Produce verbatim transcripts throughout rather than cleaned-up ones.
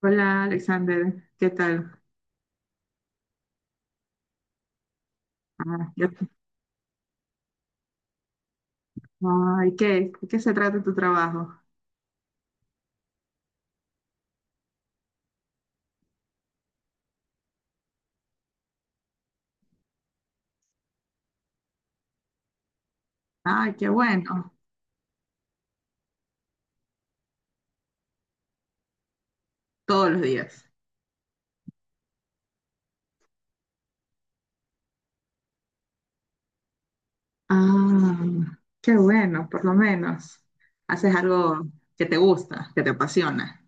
Hola Alexander, ¿qué tal? Ah, ya- Ay, ¿qué? ¿De qué se trata tu trabajo? Ay, qué bueno, todos los días. Ah, qué bueno, por lo menos. Haces algo que te gusta, que te apasiona.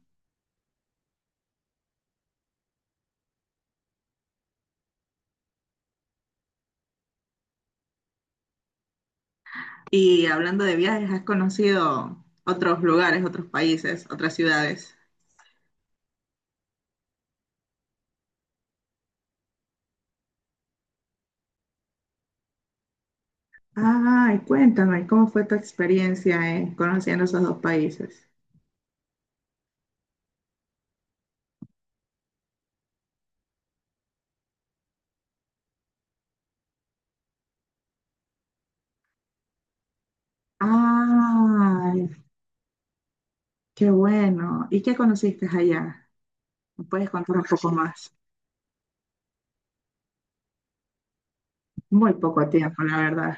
Y hablando de viajes, ¿has conocido otros lugares, otros países, otras ciudades? Ay, cuéntame, ¿cómo fue tu experiencia eh, conociendo esos dos países? Ay, qué bueno. ¿Y qué conociste allá? ¿Me puedes contar un poco más? Muy poco tiempo, la verdad.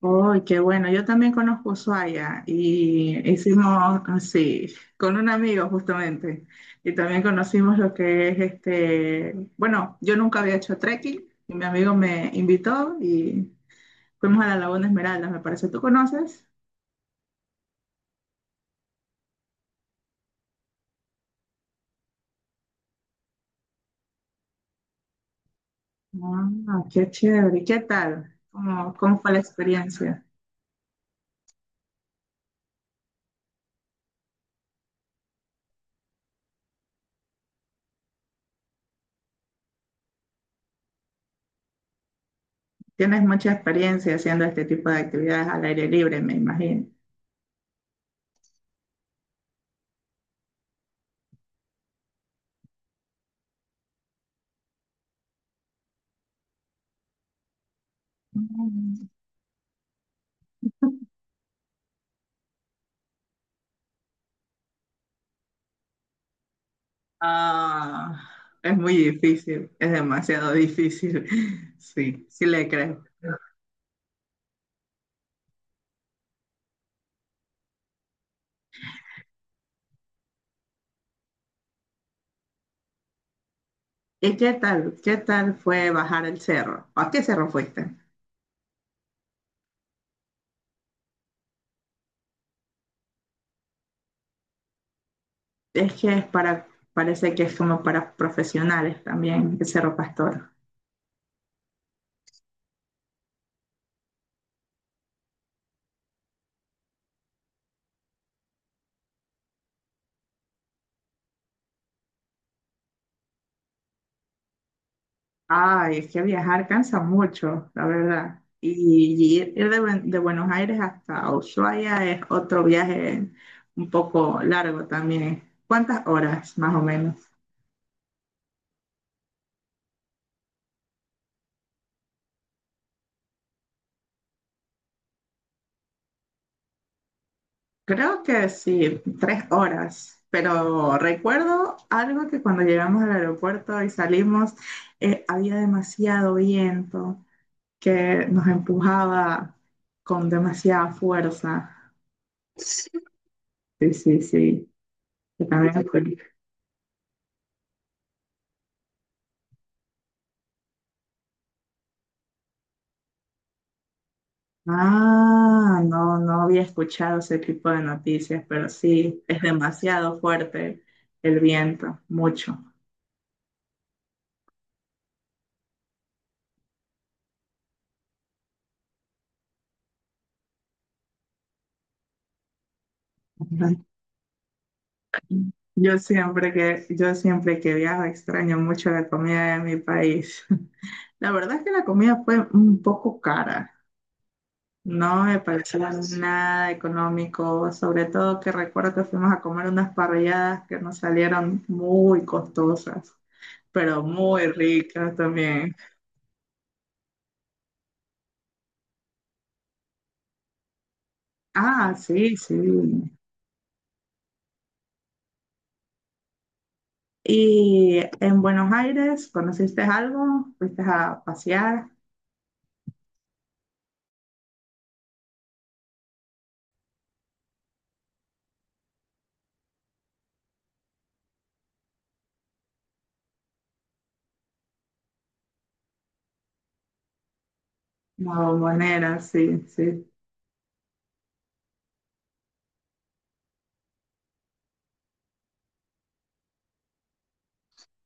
Uy, qué bueno. Yo también conozco Ushuaia y hicimos así, con un amigo justamente. Y también conocimos lo que es este, bueno, yo nunca había hecho trekking y mi amigo me invitó y fuimos a la Laguna Esmeralda, me parece. ¿Tú conoces? Ah, qué chévere. ¿Y ¿Qué tal? ¿Cómo, cómo fue la experiencia? Tienes mucha experiencia haciendo este tipo de actividades al aire libre, me imagino. Ah, es muy difícil, es demasiado difícil. Sí, sí le creo. ¿Y qué tal? ¿Qué tal fue bajar el cerro? ¿A qué cerro fuiste? Es que es para, parece que es como para profesionales también, el Cerro Pastor. Ay, es que viajar cansa mucho, la verdad. Y ir, ir de, Buen- de Buenos Aires hasta Ushuaia es otro viaje un poco largo también. ¿Cuántas horas más o menos? Creo que sí, tres horas, pero recuerdo algo que cuando llegamos al aeropuerto y salimos, eh, había demasiado viento que nos empujaba con demasiada fuerza. Sí, sí, sí. Que también escu- Ah, no, no había escuchado ese tipo de noticias, pero sí, es demasiado fuerte el viento, mucho. Yo siempre que, yo siempre que viajo extraño mucho la comida de mi país. La verdad es que la comida fue un poco cara, no me pareció nada económico, sobre todo que recuerdo que fuimos a comer unas parrilladas que nos salieron muy costosas, pero muy ricas también. Ah, sí, sí. ¿Y en Buenos Aires conociste algo? ¿Fuiste a pasear? La Bombonera, sí, sí.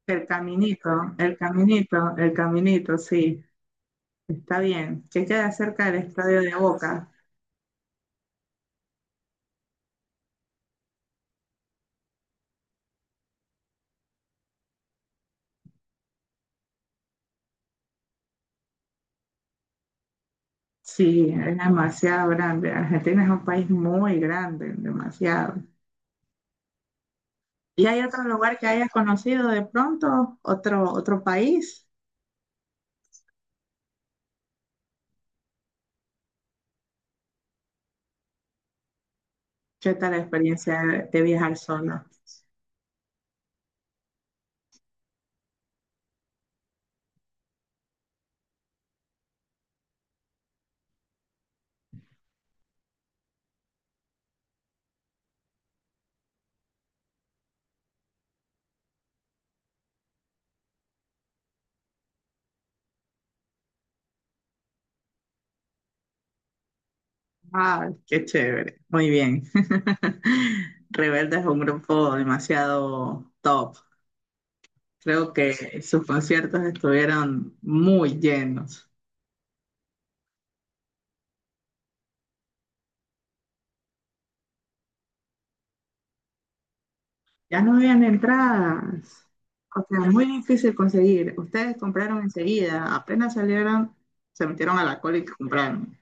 El caminito, el caminito, el caminito, sí. Está bien. Que queda cerca del estadio de Boca. Sí, es demasiado grande. Argentina es un país muy grande, demasiado. ¿Y hay otro lugar que hayas conocido de pronto? ¿Otro, otro país? ¿Qué tal la experiencia de de viajar solo? Ah, qué chévere. Muy bien. Rebelde es un grupo demasiado top. Creo que sus conciertos estuvieron muy llenos. Ya no habían entradas. O sea, muy difícil conseguir. Ustedes compraron enseguida. Apenas salieron, se metieron a la cola y compraron.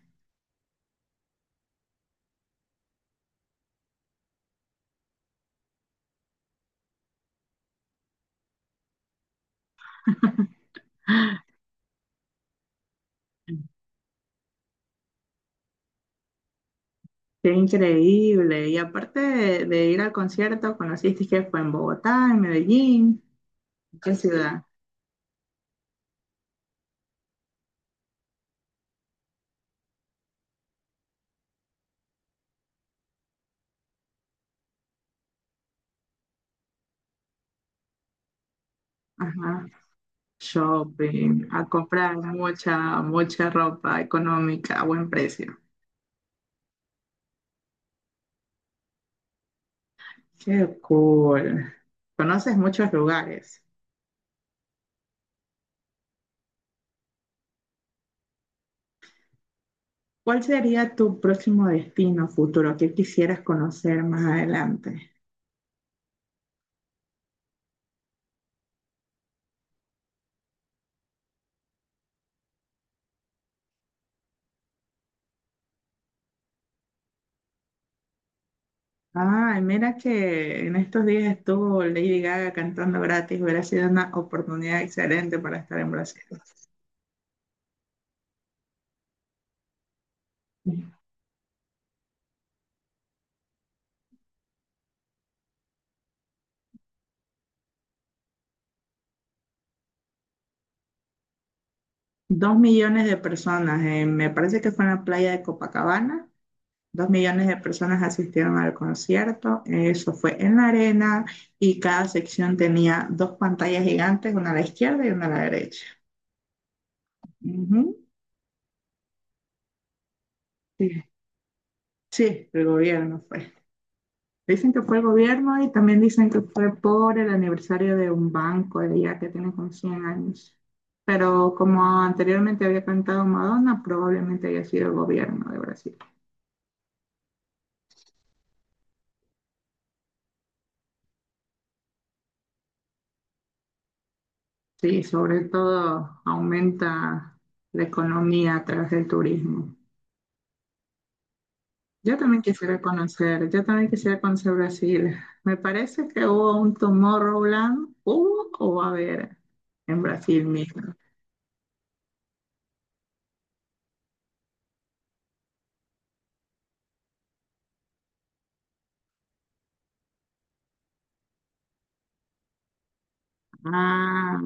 Qué increíble. Y aparte de de ir al concierto, conociste. ¿Que fue en Bogotá, en Medellín? ¿Qué ciudad? Ajá. Shopping. A comprar mucha, mucha ropa económica a buen precio. Qué cool. Conoces muchos lugares. ¿Cuál sería tu próximo destino futuro? ¿Qué quisieras conocer más adelante? Ay, mira que en estos días estuvo Lady Gaga cantando gratis. Hubiera sido una oportunidad excelente para estar en Brasil. Dos millones de personas, eh, me parece que fue en la playa de Copacabana. Dos millones de personas asistieron al concierto. Eso fue en la arena y cada sección tenía dos pantallas gigantes, una a la izquierda y una a la derecha. Ujú. Sí, sí, el gobierno fue. Dicen que fue el gobierno, y también dicen que fue por el aniversario de un banco de allá que tiene como cien años. Pero como anteriormente había cantado Madonna, probablemente haya sido el gobierno de Brasil. Sí, sobre todo aumenta la economía a través del turismo. Yo también quisiera conocer, yo también quisiera conocer Brasil. Me parece que hubo un Tomorrowland, hubo o va a haber en Brasil mismo. Ah,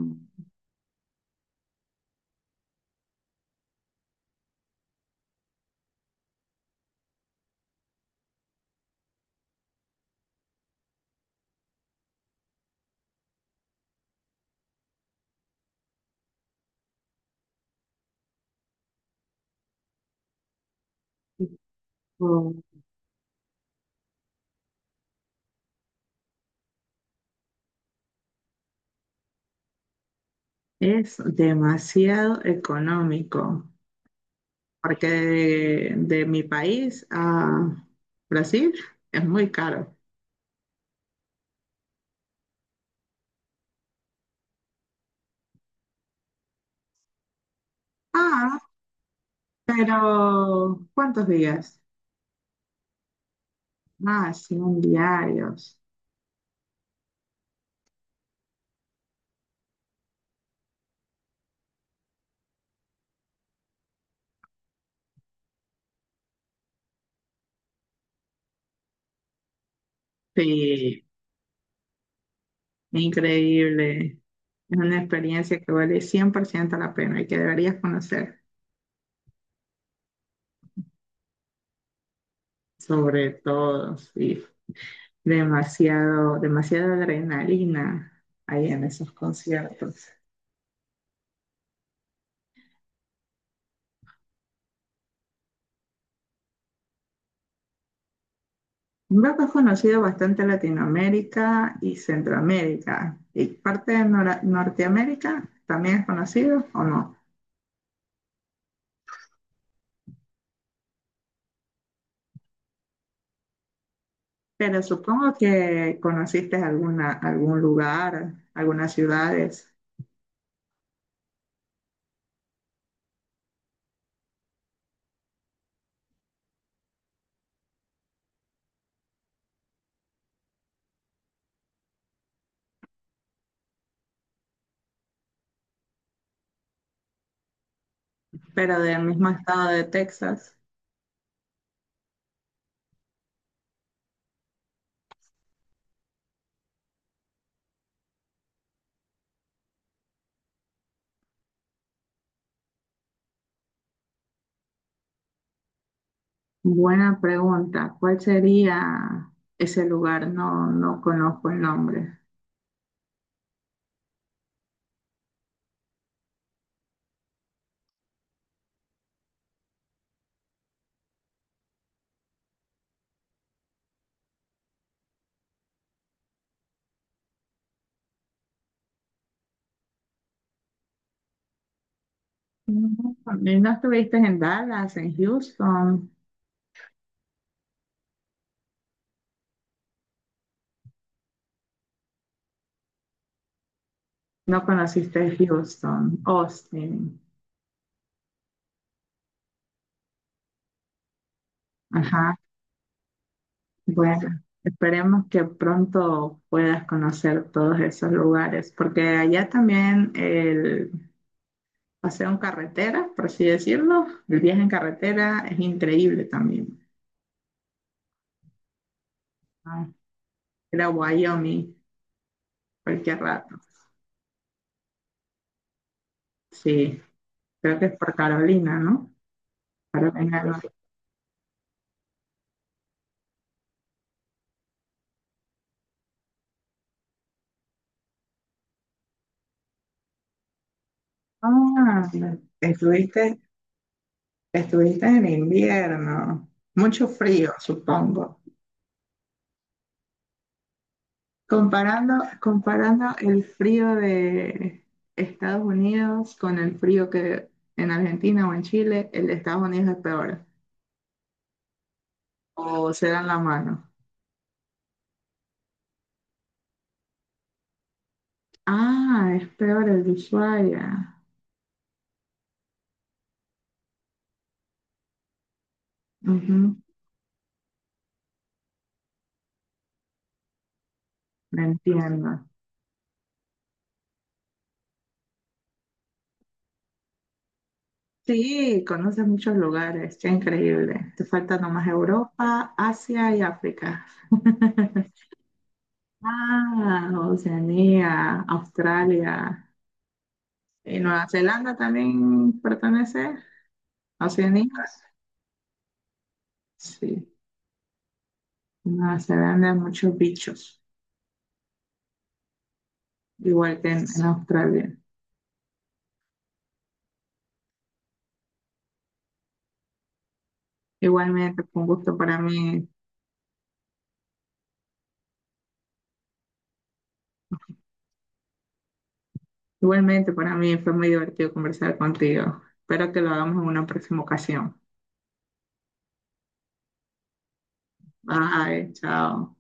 es demasiado económico, porque de, de mi país a Brasil es muy caro. Ah, pero ¿cuántos días? Ah, cien diarios. Sí, increíble. Es una experiencia que vale cien por ciento la pena y que deberías conocer. Sobre todo, sí. Demasiado, demasiada adrenalina ahí en esos conciertos. Veo que es conocido bastante en Latinoamérica y Centroamérica. Y parte de Nora- Norteamérica también, ¿es conocido o no? Pero supongo que conociste alguna, algún lugar, algunas ciudades, pero del mismo estado de Texas. Buena pregunta. ¿Cuál sería ese lugar? No, no conozco el nombre. Mm, ¿y no estuviste en Dallas, en Houston? No conociste Houston, Austin. Ajá. Bueno, esperemos que pronto puedas conocer todos esos lugares, porque allá también el paseo en carretera, por así decirlo, el viaje en carretera es increíble también. Ah, era Wyoming, cualquier rato. Sí, creo que es por Carolina, ¿no? Carolina. Ah, estuviste, estuviste en invierno. Mucho frío, supongo. Comparando, comparando el frío de Estados Unidos con el frío que en Argentina o en Chile, el de Estados Unidos es peor. O se dan la mano. Ah, es peor el de Ushuaia. Ujú, me entiendo. Sí, conoces muchos lugares, qué increíble. Te falta nomás Europa, Asia y África. Ah, Oceanía, Australia y Nueva Zelanda también pertenece a Oceanía. Sí, en Nueva Zelanda hay muchos bichos, igual que en, en Australia. Igualmente, fue un gusto para mí. Igualmente, para mí fue muy divertido conversar contigo. Espero que lo hagamos en una próxima ocasión. Bye, chao.